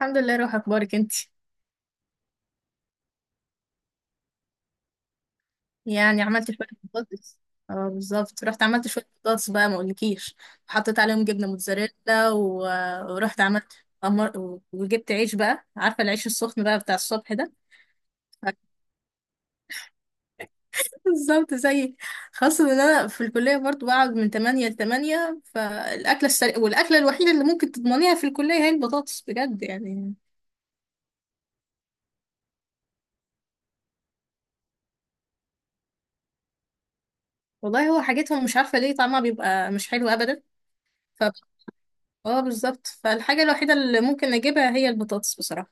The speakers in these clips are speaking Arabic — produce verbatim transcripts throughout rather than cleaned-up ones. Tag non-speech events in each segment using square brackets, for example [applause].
الحمد لله، روح اخبارك انت. يعني عملت شويه بطاطس. اه بالظبط، رحت عملت شويه بطاطس بقى ما اقولكيش. وحطيت عليهم جبنه موتزاريلا و... ورحت عملت أمر... و- وجبت عيش بقى، عارفه العيش السخن بقى بتاع الصبح ده. [laughs] بالظبط زيك. خاصه ان انا في الكليه برضو بقعد من تمانية ل تمانية، فالاكله السريعه والاكله الوحيده اللي ممكن تضمنيها في الكليه هي البطاطس بجد يعني. والله هو حاجتهم مش عارفه ليه طعمها بيبقى مش حلو ابدا. اه بالظبط، فالحاجة الوحيدة اللي ممكن اجيبها هي البطاطس بصراحة.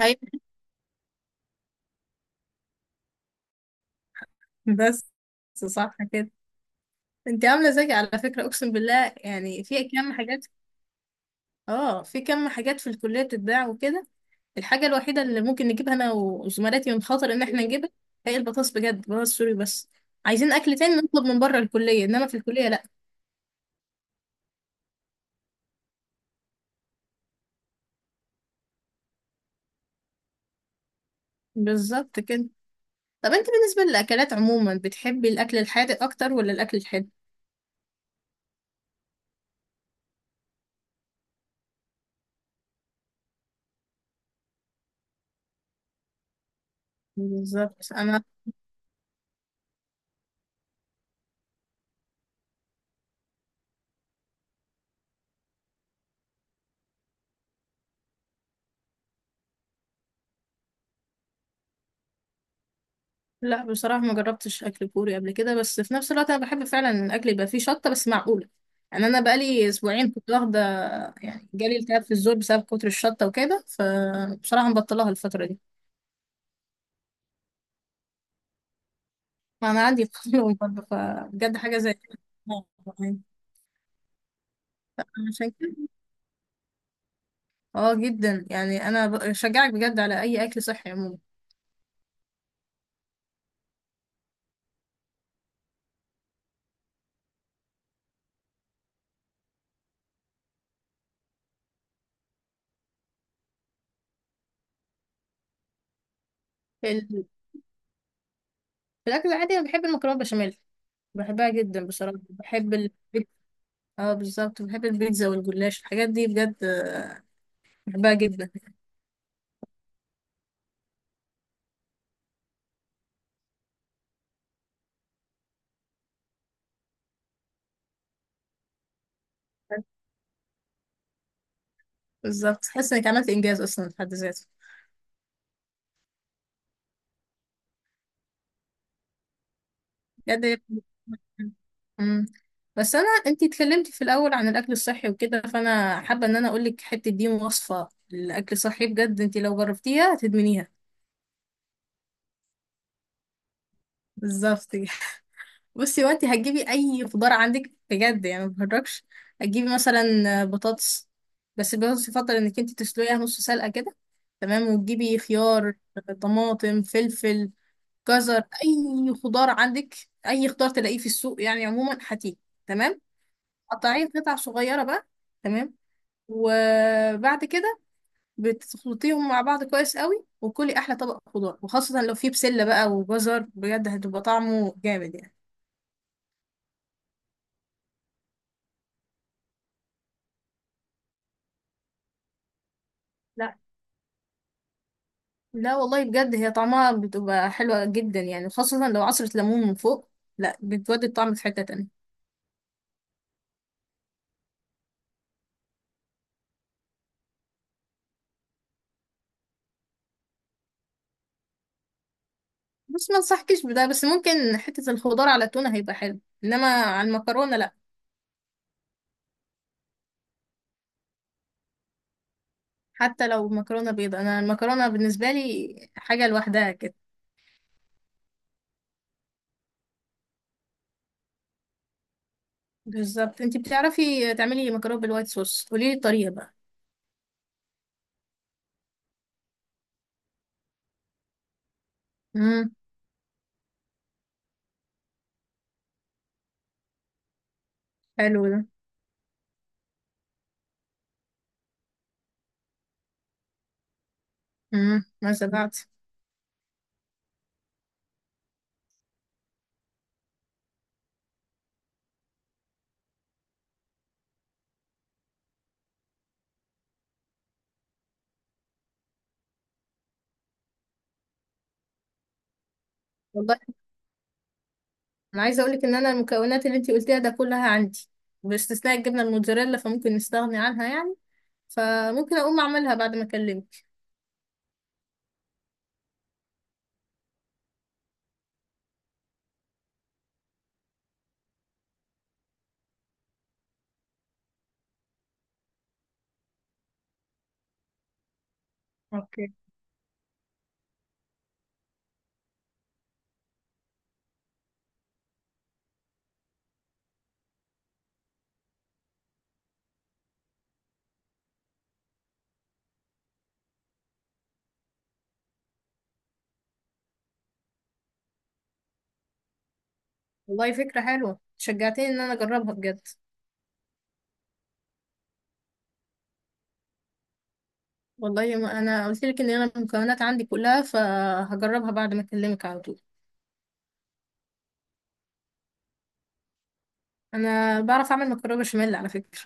ايوه. بس صح كده. انت عاملة زيك على فكرة، اقسم بالله، يعني في كم حاجات. اه في كم حاجات في الكلية بتتباع وكده. الحاجة الوحيدة اللي ممكن نجيبها انا وزملاتي من خطر ان احنا نجيبها هي البطاطس بجد، بطاطس سوري بس. عايزين اكل تاني نطلب من بره الكلية، انما في الكلية لا. بالظبط كده. طب انت بالنسبة للاكلات عموما بتحبي الاكل الحادق اكتر ولا الاكل الحلو؟ بالظبط انا. لا بصراحة ما جربتش أكل كوري قبل كده، بس في نفس الوقت أنا بحب فعلا إن الأكل يبقى فيه شطة بس معقولة. يعني أنا بقالي أسبوعين كنت واخدة، يعني جالي التهاب في الزور بسبب كتر الشطة وكده، فبصراحة مبطلها الفترة دي. ما أنا عندي [laughs] قولون برضه، فبجد حاجة زي كده. آه، يعني عشان كده. اه جدا، يعني أنا بشجعك بجد على أي أكل صحي عموما. ال- في الأكل العادي أنا بحب المكرونة بشاميل، بحبها جدا بصراحة. بحب ال... اه بالظبط، بحب البيتزا والجلاش، الحاجات دي بجد. آه، بحبها جدا. بالظبط، تحس انك عملت انجاز اصلا في حد ذاته. بجد هي- مم. بس انا انتي اتكلمتي في الاول عن الاكل الصحي وكده، فانا حابه ان انا اقول لك حته دي وصفه الاكل الصحي. بجد انتي لو جربتيها هتدمنيها. بالظبط كده. بصي، وانتي هتجيبي اي خضار عندك بجد يعني، ما بهرجش. هتجيبي مثلا بطاطس، بس البطاطس يفضل انك انتي تسلقيها نص سلقه كده. تمام. وتجيبي خيار، طماطم، فلفل، جزر، اي خضار عندك، اي خضار تلاقيه في السوق يعني عموما هاتيه. تمام. قطعيه قطع صغيره بقى. تمام. وبعد كده بتخلطيهم مع بعض كويس قوي، وكلي احلى طبق خضار. وخاصه لو فيه بسله بقى وجزر، بجد هتبقى طعمه جامد يعني. لا، لا والله بجد هي طعمها بتبقى حلوه جدا يعني، خاصه لو عصره ليمون من فوق. لا، بتودي الطعم في حته تانية. بس ما انصحكش بده. بس ممكن حته الخضار على التونه هيبقى حلو، انما على المكرونه لا. حتى لو مكرونة بيضة، انا المكرونة بالنسبة لي حاجة لوحدها كده. بالظبط. انتي بتعرفي تعملي مكرونة بالوايت صوص، قوليلي الطريقة بقى. امم، حلو ده. امم ما سمعت. والله انا عايزة اقولك ان انا المكونات اللي انتي قلتيها ده كلها عندي، باستثناء الجبنة الموتزاريلا، فممكن نستغني عنها يعني. فممكن اقوم اعملها بعد ما اكلمك. اوكي. والله فكرة حلوة، شجعتني ان انا اجربها بجد. والله ما انا قلت لك ان انا المكونات عندي كلها، فهجربها بعد ما اكلمك على طول. انا بعرف اعمل مكرونه بشاميل على فكره.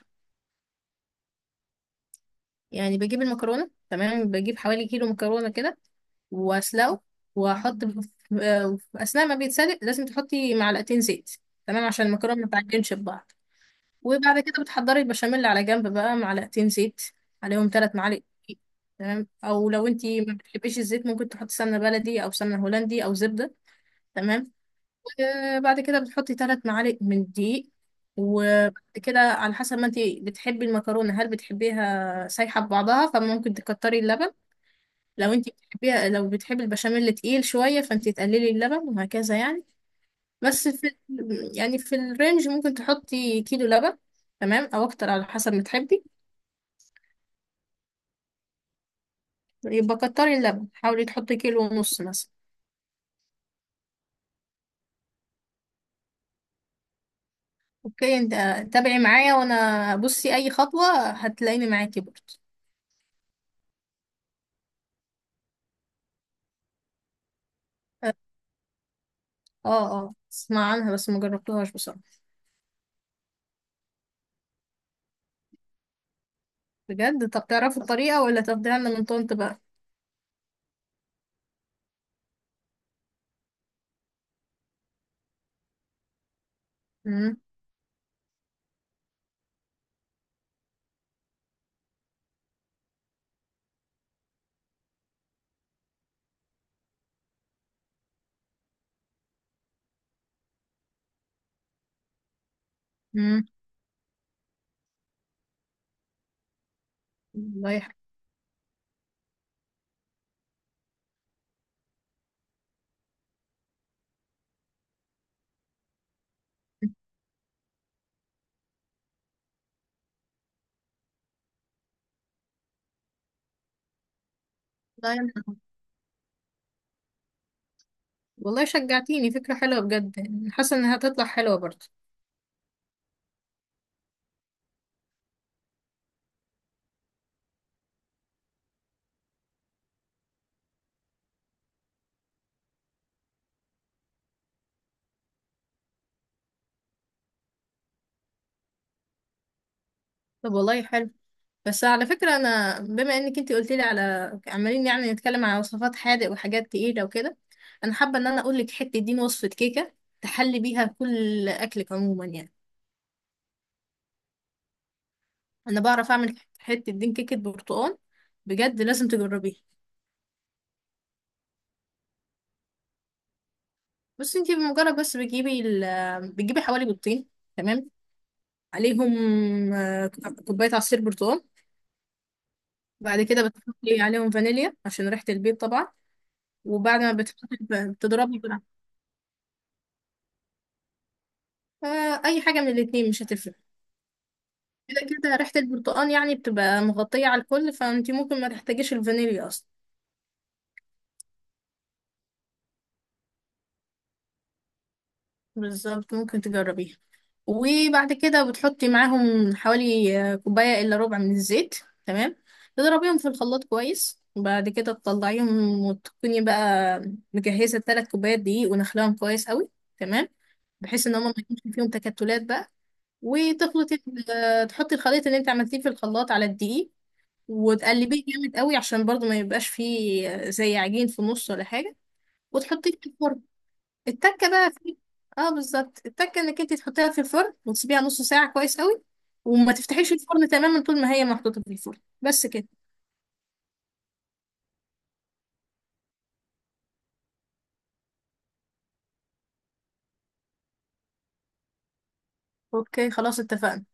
يعني بجيب المكرونه، تمام، بجيب حوالي كيلو مكرونه كده، واسلقه. واحط في آه، في اثناء ما بيتسلق لازم تحطي معلقتين زيت، تمام، عشان المكرونه ما تعجنش ببعض. وبعد كده بتحضري البشاميل على جنب بقى، معلقتين زيت، عليهم ثلاث معالق دقيق، تمام. او لو انتي ما بتحبيش الزيت، ممكن تحطي سمنه بلدي او سمنه هولندي او زبده. تمام. آه، بعد كده بتحطي ثلاث معالق من الدقيق. وبعد كده على حسب ما انت بتحبي المكرونه، هل بتحبيها سايحه ببعضها فممكن تكتري اللبن. لو انت بتحبيها، لو بتحبي البشاميل تقيل شويه، فانت تقللي اللبن وهكذا يعني. بس في يعني في الرينج ممكن تحطي كيلو لبن، تمام، او اكتر على حسب ما تحبي. يبقى كتري اللبن، حاولي تحطي كيلو ونص مثلا. اوكي. انت تابعي معايا، وانا بصي اي خطوه هتلاقيني معاكي برضه. اه اه، اسمع عنها بس ما جربتهاش بصراحة. بجد؟ طب تعرفوا الطريقة ولا تاخديها لنا من طنط بقى؟ امم امم والله يح- والله يح- والله شجعتيني، فكرة حلوة بجد يعني، حاسة انها هتطلع حلوة برضه. طب والله حلو. بس على فكرة، انا بما انك انتي قلتي لي على عمالين يعني نتكلم على وصفات حادق وحاجات تقيلة وكده، انا حابة ان انا اقول لك حتة دين وصفة كيكة تحلي بيها كل اكلك عموما يعني. انا بعرف اعمل حتة دين كيكة برتقال، بجد لازم تجربيها. بس انتي بمجرد بس بتجيبي ال بتجيبي حوالي بيضتين، تمام، عليهم آه، كوباية عصير برتقال. بعد كده بتحطي عليهم فانيليا عشان ريحة البيض طبعا. وبعد ما بتحطي بتضربي بقى، آه، أي حاجة من الاتنين مش هتفرق. كده كده ريحة البرتقال يعني بتبقى مغطية على الكل، فانتي ممكن ما تحتاجيش الفانيليا أصلا. بالظبط، ممكن تجربيها. وبعد كده بتحطي معاهم حوالي آه، كوباية إلا ربع من الزيت، تمام. تضربيهم في الخلاط كويس، وبعد كده تطلعيهم، وتكوني بقى مجهزة ثلاث كوبايات دقيق ونخلاهم كويس قوي، تمام، بحيث ان هما ما يكونش فيهم تكتلات بقى. وتخلطي ال- آه، تحطي الخليط اللي انت عملتيه في الخلاط على الدقيق، وتقلبيه جامد قوي، عشان برضو ما يبقاش فيه آه، زي عجين في النص ولا حاجة. وتحطيه في الفرن. التكه بقى في اه بالظبط، التكه انك انت تحطيها في الفرن وتسيبيها نص ساعه كويس قوي. وما تفتحيش الفرن تماما طول ما هي محطوطه في الفرن، بس كده. اوكي، خلاص اتفقنا.